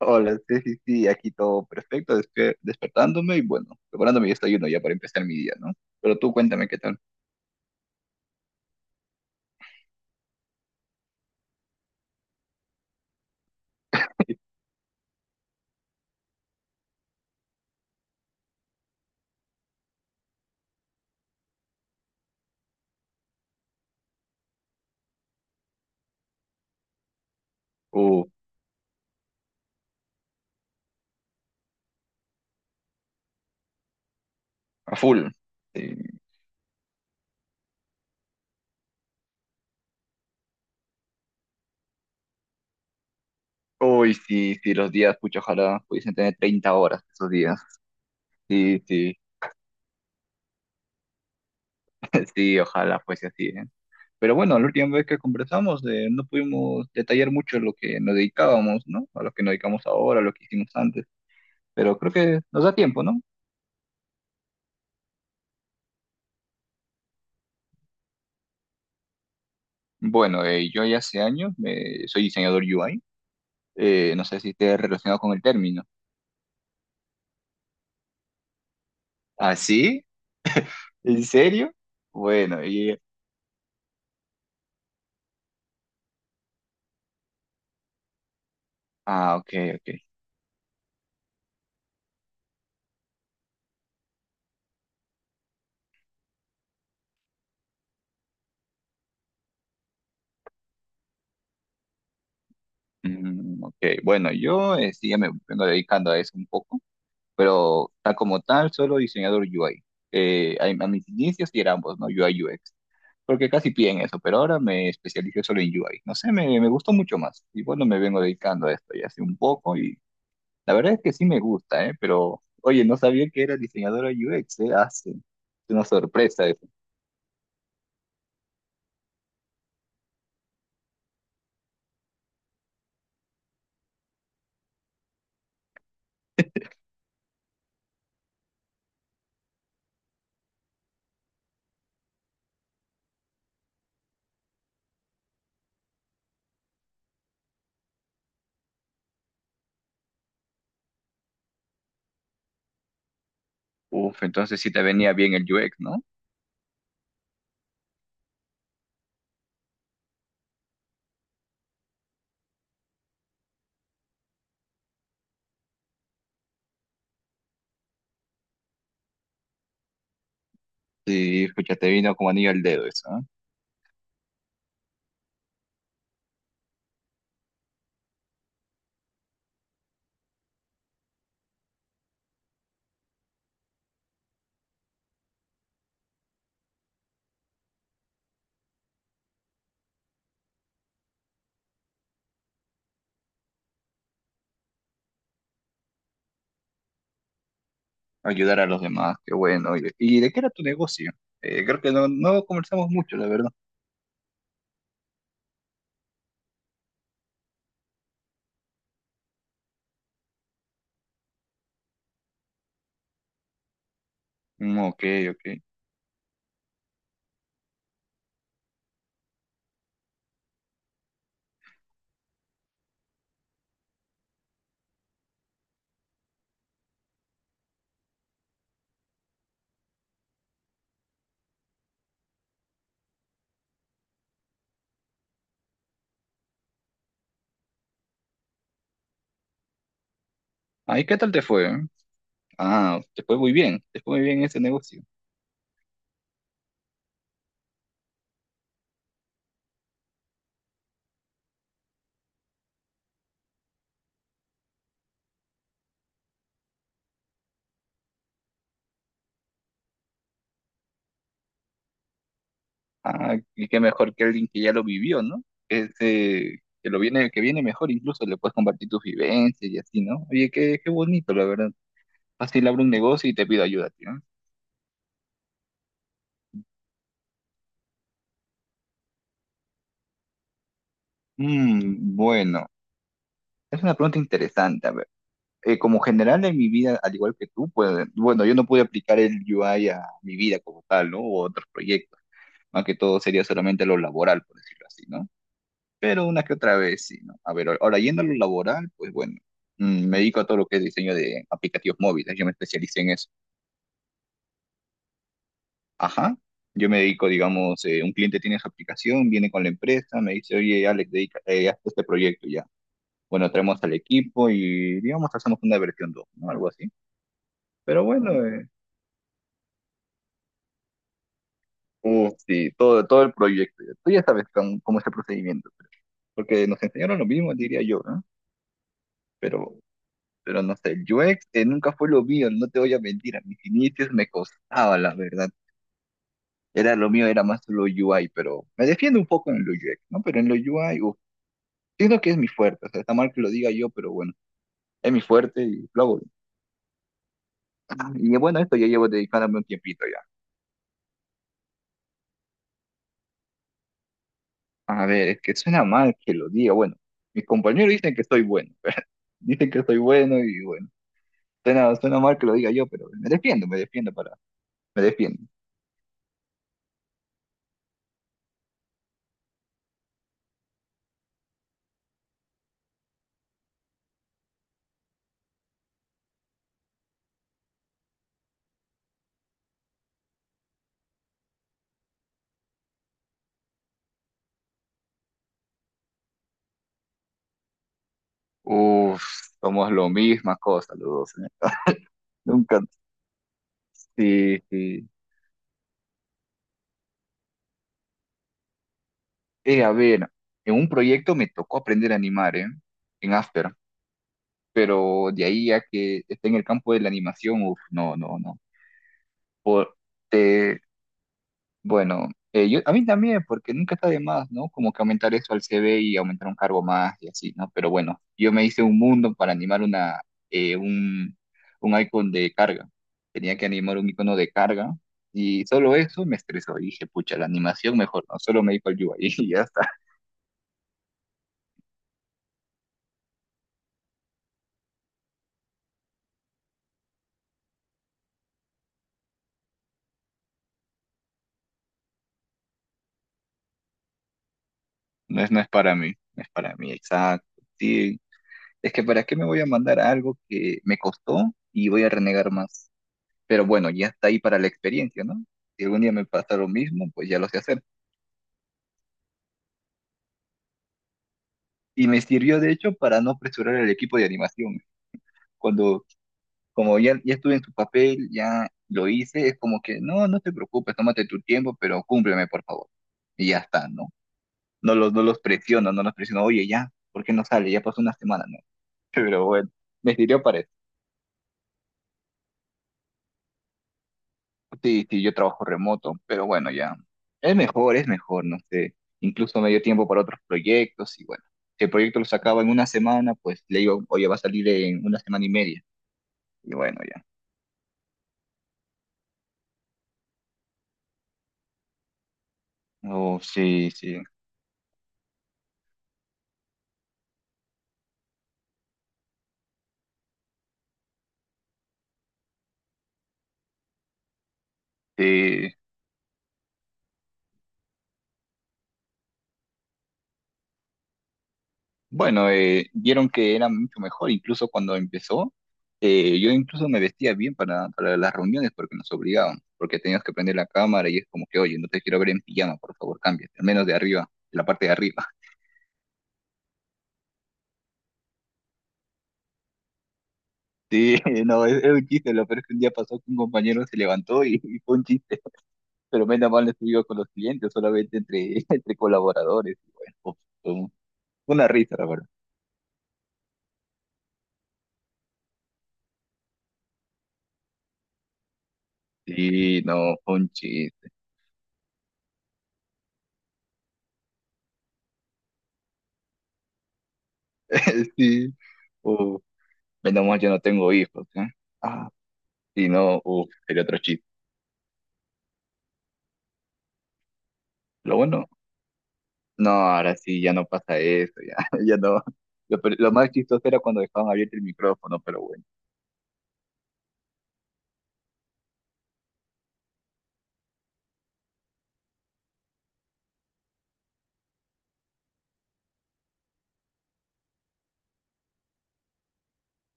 Hola, sí, sí, sí, aquí todo perfecto, despertándome y bueno, preparando mi desayuno ya para empezar mi día, ¿no? Pero tú cuéntame qué tal. Uh, a full. Sí. Uy, sí, sí, los días, pucha, ojalá pudiesen tener 30 horas esos días. Sí, sí, sí, ojalá fuese así, ¿eh? Pero bueno, la última vez que conversamos no pudimos detallar mucho lo que nos dedicábamos, ¿no? A lo que nos dedicamos ahora, a lo que hicimos antes, pero creo que nos da tiempo, ¿no? Bueno, yo ya hace años soy diseñador UI. No sé si esté relacionado con el término. ¿Ah, sí? ¿En serio? Bueno, y... Ah, ok, ok. Ok, bueno, yo sí ya me vengo dedicando a eso un poco, pero tal como tal, solo diseñador UI. A mis inicios sí era ambos, ¿no? UI UX. Porque casi piden eso, pero ahora me especialicé solo en UI. No sé, me gustó mucho más. Y bueno, me vengo dedicando a esto ya hace un poco y la verdad es que sí me gusta, ¿eh? Pero, oye, no sabía que era diseñadora UX, ¿eh? Hace una sorpresa. Uf, entonces sí te venía bien el UX, ¿no? Sí, ya te vino como anillo al dedo eso, ¿eh? Ayudar a los demás, qué bueno. Y de qué era tu negocio? Creo que no, no conversamos mucho, la verdad. Ok, ok. Ah, ¿y qué tal te fue? Ah, te fue muy bien, te fue muy bien ese negocio. Ah, y qué mejor que alguien que ya lo vivió, ¿no? Ese, que lo viene, que viene mejor, incluso le puedes compartir tus vivencias y así, ¿no? Oye, qué, qué bonito, la verdad. Fácil abro un negocio y te pido ayuda, tío. Bueno, es una pregunta interesante, como general en mi vida, al igual que tú, pues, bueno, yo no pude aplicar el UI a mi vida como tal, ¿no? O a otros proyectos. Más que todo sería solamente lo laboral, por decirlo así, ¿no? Pero una que otra vez, sí, ¿no? A ver, ahora yendo a lo laboral, pues bueno, me dedico a todo lo que es diseño de aplicativos móviles, yo me especialicé en eso. Ajá, yo me dedico, digamos, un cliente tiene su aplicación, viene con la empresa, me dice, oye, Alex, dedica, haz este proyecto ya. Bueno, traemos al equipo y, digamos, hacemos una versión dos, ¿no? Algo así. Pero bueno, sí, todo el proyecto. Tú ya sabes cómo es el procedimiento, porque nos enseñaron lo mismo, diría yo, ¿no? Pero, pero no sé, el UX nunca fue lo mío, no te voy a mentir, a mis inicios me costaba, la verdad. Era lo mío, era más lo UI, pero me defiendo un poco en lo UX, ¿no? Pero en lo UI, uff, siento que es mi fuerte, o sea, está mal que lo diga yo, pero bueno, es mi fuerte y lo hago bien. Ah, y bueno, esto ya llevo dedicándome un tiempito ya. A ver, es que suena mal que lo diga, bueno, mis compañeros dicen que soy bueno, dicen que soy bueno y bueno. Suena, suena mal que lo diga yo, pero me defiendo para, me defiendo. Uf, somos lo misma cosa los dos, ¿eh? Nunca, sí, sí. A ver, en un proyecto me tocó aprender a animar, ¿eh? En After, pero de ahí a que esté en el campo de la animación, uf, no, no, no. Por, te, Bueno, a mí también, porque nunca está de más, ¿no? Como que aumentar eso al CV y aumentar un cargo más y así, ¿no? Pero bueno, yo me hice un mundo para animar eh, un, un icon de carga. Tenía que animar un icono de carga y solo eso me estresó. Y dije, pucha, la animación mejor, ¿no? Solo me dijo el UI y ya está. No es, no es para mí, no es para mí, exacto. Sí, es que, ¿para qué me voy a mandar algo que me costó y voy a renegar más? Pero bueno, ya está ahí para la experiencia, ¿no? Si algún día me pasa lo mismo, pues ya lo sé hacer. Y me sirvió, de hecho, para no apresurar el equipo de animación. Cuando, como ya estuve en su papel, ya lo hice, es como que, no, no te preocupes, tómate tu tiempo, pero cúmpleme, por favor. Y ya está, ¿no? No los presiono, no los presiono, oye, ya, ¿por qué no sale? Ya pasó una semana, ¿no? Pero bueno, me sirvió para eso. Sí, sí, yo trabajo remoto, pero bueno, ya. Es mejor, no sé. Incluso me dio tiempo para otros proyectos y bueno. Si el proyecto lo sacaba en una semana, pues le digo, oye, va a salir en una semana y media. Y bueno, ya. Oh, sí, sí. Sí. Bueno, vieron que era mucho mejor, incluso cuando empezó. Yo incluso me vestía bien para las reuniones porque nos obligaban, porque teníamos que prender la cámara y es como que, oye, no te quiero ver en pijama, por favor, cámbiate, al menos de arriba, de la parte de arriba. Sí, no, es un chiste, lo peor es que un día pasó que un compañero se levantó y fue un chiste, pero menos mal no estuvo con los clientes, solamente entre, entre colaboradores. Y bueno, fue un- fue una risa, la verdad. Sí, no, fue un chiste, sí. Uf, menos mal yo no tengo hijos, ¿eh? Ah, sí no, uf, sería otro chiste. Lo bueno, no, ahora sí, ya no pasa eso, ya, ya no. Lo más chistoso era cuando dejaban abierto el micrófono, pero bueno,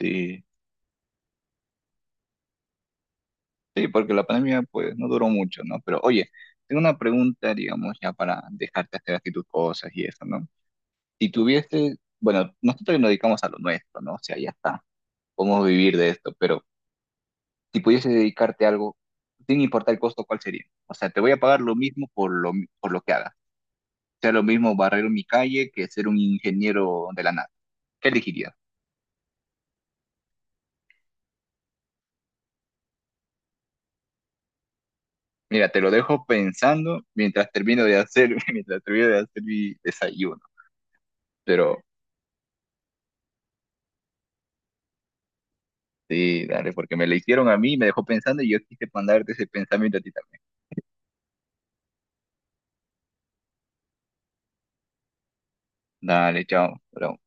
sí. Sí, porque la pandemia pues no duró mucho, ¿no? Pero oye, tengo una pregunta, digamos, ya para dejarte hacer así tus cosas y eso, ¿no? Si tuviese, bueno, nosotros nos dedicamos a lo nuestro, ¿no? O sea, ya está, podemos vivir de esto, pero si pudiese dedicarte a algo, sin importar el costo, ¿cuál sería? O sea, te voy a pagar lo mismo por por lo que hagas. Sea lo mismo barrer mi calle que ser un ingeniero de la nada. ¿Qué elegirías? Mira, te lo dejo pensando mientras termino de hacer, mientras termino de hacer mi desayuno. Pero sí, dale, porque me la hicieron a mí, me dejó pensando y yo quise mandarte ese pensamiento a ti también. Dale, chao, bro.